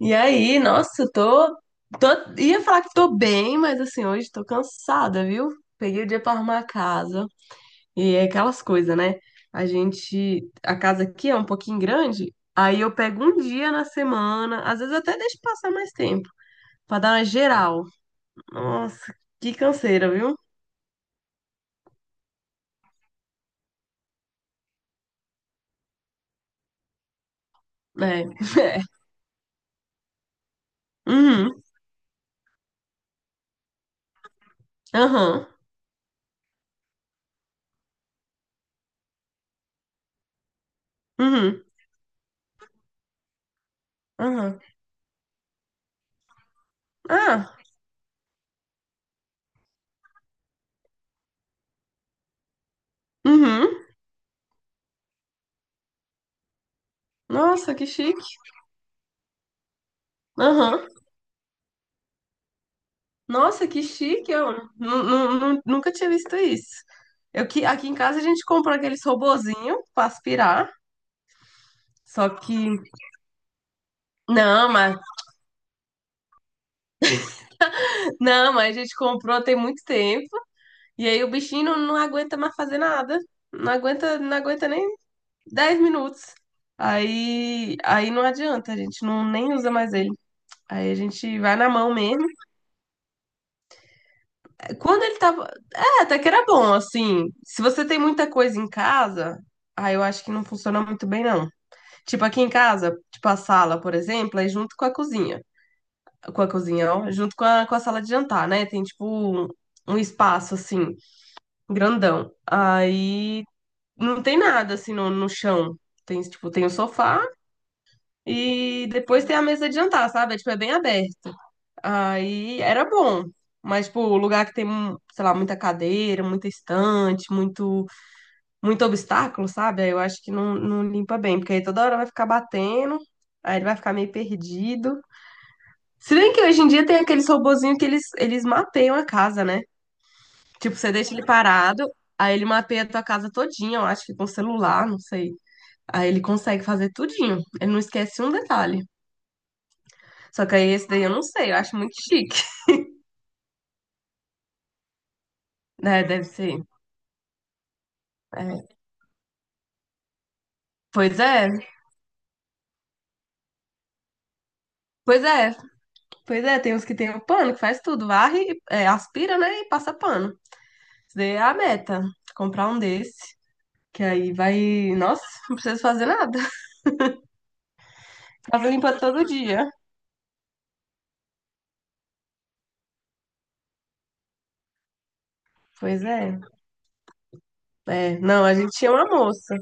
E aí, nossa, eu tô, tô. Ia falar que tô bem, mas assim, hoje tô cansada, viu? Peguei o dia pra arrumar a casa. E é aquelas coisas, né? A gente. A casa aqui é um pouquinho grande. Aí eu pego um dia na semana, às vezes eu até deixo passar mais tempo, pra dar uma geral. Nossa, que canseira, viu? É. É. Uhum. Aham. Uhum. Aham. Ah. Uhum. Nossa, que chique. Aham. Nossa, que chique! Eu nunca tinha visto isso. Eu que aqui em casa a gente comprou aqueles robozinho para aspirar. Só que não, mas não, mas a gente comprou tem muito tempo. E aí o bichinho não aguenta mais fazer nada. Não aguenta, não aguenta nem 10 minutos. Aí não adianta, a gente não nem usa mais ele. Aí a gente vai na mão mesmo. Quando ele tava, é, até que era bom, assim. Se você tem muita coisa em casa, aí eu acho que não funciona muito bem não. Tipo, aqui em casa, tipo a sala, por exemplo, é junto com a cozinha. Com a cozinha, ó, junto com com a sala de jantar, né? Tem tipo um, um espaço assim, grandão. Aí não tem nada assim no chão. Tem, tipo, tem o sofá e depois tem a mesa de jantar, sabe? É, tipo, é bem aberto. Aí era bom. Mas, tipo, o lugar que tem, sei lá, muita cadeira, muita estante, muito obstáculo, sabe? Aí eu acho que não limpa bem, porque aí toda hora vai ficar batendo, aí ele vai ficar meio perdido. Se bem que hoje em dia tem aqueles robozinhos que eles mapeiam a casa, né? Tipo, você deixa ele parado, aí ele mapeia a tua casa todinha, eu acho que com celular, não sei. Aí ele consegue fazer tudinho. Ele não esquece um detalhe. Só que aí esse daí eu não sei, eu acho muito chique. Né? Deve ser. É. Pois é, pois é, pois é. Tem uns que tem o pano, que faz tudo, varre, é, aspira, né? E passa pano. Isso daí é a meta, comprar um desse, que aí vai, nossa, não precisa fazer nada. Tava limpa todo dia. Pois é. É, não, a gente tinha uma moça.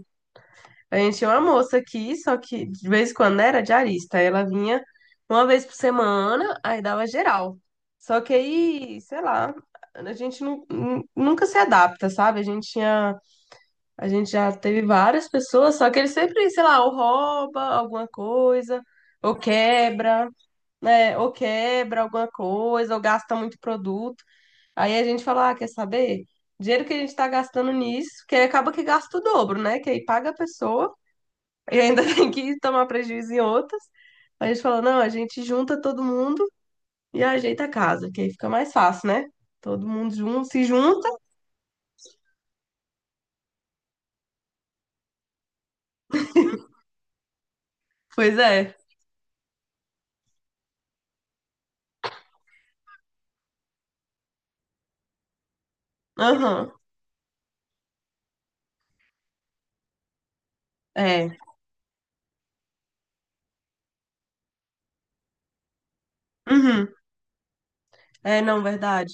A gente tinha uma moça aqui, só que de vez em quando era diarista. Aí ela vinha uma vez por semana, aí dava geral. Só que aí, sei lá, a gente nunca se adapta, sabe? A gente já teve várias pessoas, só que ele sempre, sei lá, ou rouba alguma coisa, ou quebra. Né? Ou quebra alguma coisa, ou gasta muito produto. Aí a gente fala, ah, quer saber? Dinheiro que a gente está gastando nisso, que aí acaba que gasta o dobro, né? Que aí paga a pessoa e ainda tem que tomar prejuízo em outras. A gente fala, não, a gente junta todo mundo e ajeita a casa, que aí fica mais fácil, né? Todo mundo junto, se junta. Pois é. Aham. É. Uhum. É, não, verdade.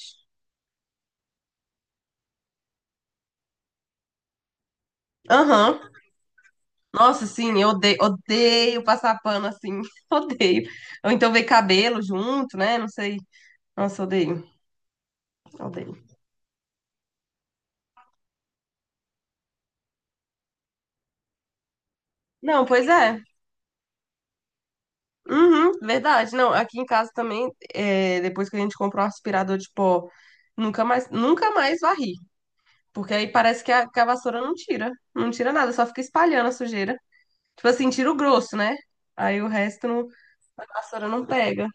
Aham. Nossa, sim, eu odeio, odeio passar pano assim, odeio. Ou então ver cabelo junto, né? Não sei. Nossa, odeio, odeio. Não, pois é. Uhum, verdade. Não, aqui em casa também, é, depois que a gente comprou o aspirador de pó, nunca mais, nunca mais varri. Porque aí parece que que a vassoura não tira. Não tira nada, só fica espalhando a sujeira. Tipo assim, tira o grosso, né? Aí o resto não, a vassoura não pega.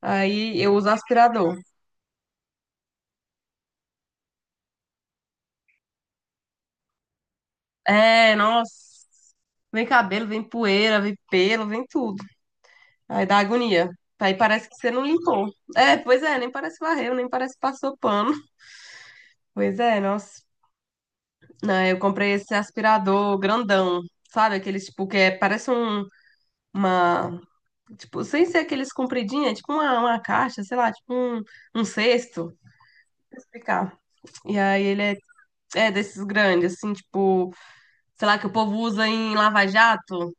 Aí eu uso aspirador. É, nossa. Vem cabelo, vem poeira, vem pelo, vem tudo. Aí dá agonia. Aí parece que você não limpou. É, pois é, nem parece que varreu, nem parece que passou pano. Pois é, nossa. Não, eu comprei esse aspirador grandão, sabe? Aqueles, tipo, que é, parece um, uma... Tipo, sem ser aqueles compridinhos, é tipo uma caixa, sei lá, tipo um, um cesto. Deixa eu explicar. E aí ele é, é desses grandes, assim, tipo, sei lá, que o povo usa em lava-jato.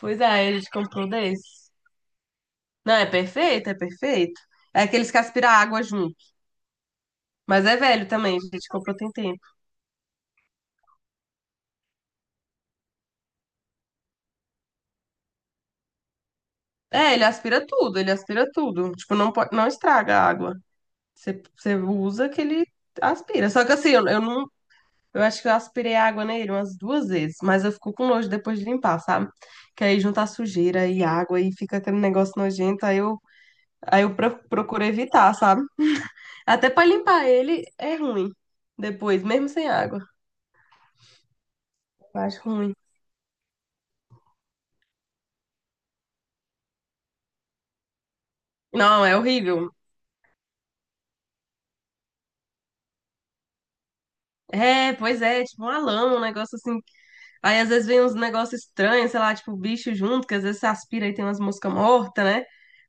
Pois é, a gente comprou desse. Não, é perfeito, é perfeito. É aqueles que aspiram água junto. Mas é velho também, a gente comprou tem tempo. É, ele aspira tudo, ele aspira tudo. Tipo, não pode, não estraga a água. Você usa que ele aspira. Só que assim, eu não. Eu acho que eu aspirei água nele umas duas vezes, mas eu fico com nojo depois de limpar, sabe? Que aí junta sujeira e água e fica aquele negócio nojento, aí eu procuro evitar, sabe? Até pra limpar ele é ruim depois, mesmo sem água. Eu acho ruim. Não, é horrível. É, pois é, tipo uma lama, um negócio assim. Aí às vezes vem uns negócios estranhos, sei lá, tipo bicho junto, que às vezes você aspira e tem umas moscas mortas, né?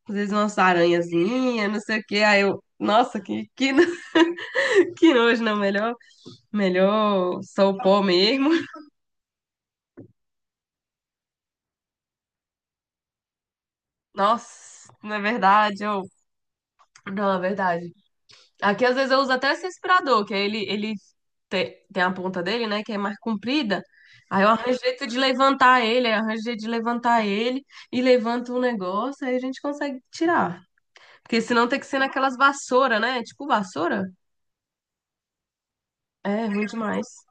Às vezes umas aranhazinhas, não sei o quê. Aí eu, nossa, que, no- que nojo, não, melhor, melhor sou o pó mesmo. Nossa, na verdade, eu, não, é verdade. Aqui às vezes eu uso até esse aspirador, que aí ele tem a ponta dele, né, que é mais comprida. Aí eu arranjo jeito de levantar ele, aí eu arranjo jeito de levantar ele e levanto o negócio, aí a gente consegue tirar. Porque senão tem que ser naquelas vassoura, né? É tipo vassoura? É, é ruim demais.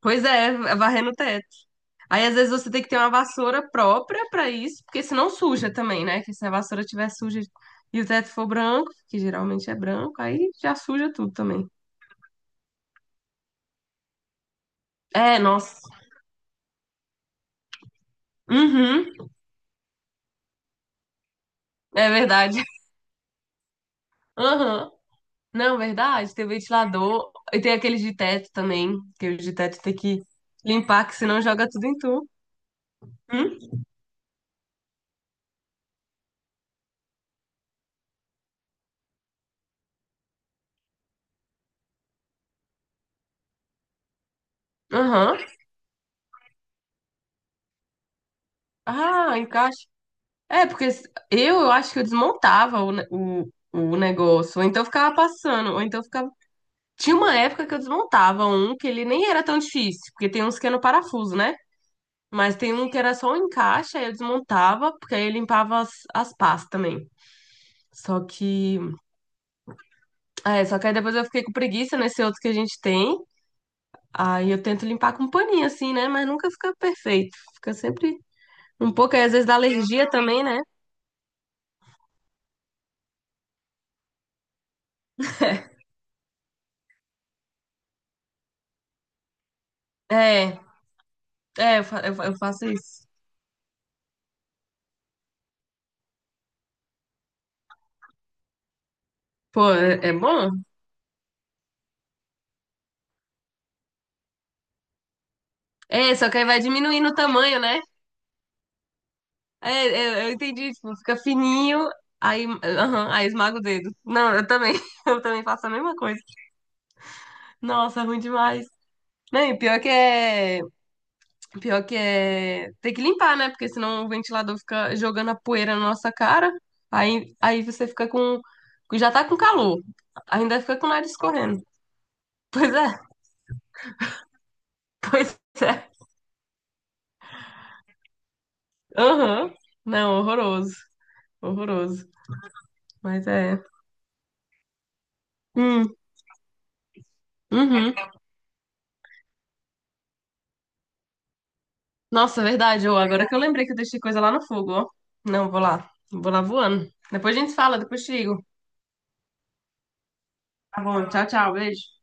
Pois é, é varrer no teto. Aí às vezes você tem que ter uma vassoura própria pra isso, porque senão suja também, né? Que se a vassoura estiver suja e o teto for branco, que geralmente é branco, aí já suja tudo também. É, nossa. Uhum. É verdade. Aham. Não, verdade. Tem ventilador. E tem aqueles de teto também. Que os de teto tem que limpar, que senão joga tudo em tu. Hum? Aham. Ah, encaixa. É, porque eu acho que eu desmontava o negócio. Ou então eu ficava passando. Ou então eu ficava. Tinha uma época que eu desmontava um que ele nem era tão difícil. Porque tem uns que é no parafuso, né? Mas tem um que era só um encaixe, aí eu desmontava, porque aí eu limpava as pás também. Só que é, só que aí depois eu fiquei com preguiça nesse outro que a gente tem. Aí eu tento limpar com um paninho, assim, né? Mas nunca fica perfeito. Fica sempre um pouco, aí às vezes dá alergia também, né? É, eu faço isso. Pô, é, é bom? É, só que aí vai diminuindo o tamanho, né? É, é, eu entendi, tipo, fica fininho, aí, aham, aí esmaga o dedo. Não, eu também, eu também faço a mesma coisa. Nossa, ruim demais. Não, e pior que é. Pior que é. Tem que limpar, né? Porque senão o ventilador fica jogando a poeira na nossa cara. Aí você fica com. Já tá com calor. Ainda fica com o nariz escorrendo. Pois é, pois é. Aham. Não, horroroso. Horroroso. Mas é. Hum, uhum. Nossa, é verdade, ô. Agora que eu lembrei que eu deixei coisa lá no fogo, ó. Não, vou lá. Vou lá voando. Depois a gente fala, depois te ligo. Tá bom, tchau, tchau. Beijo.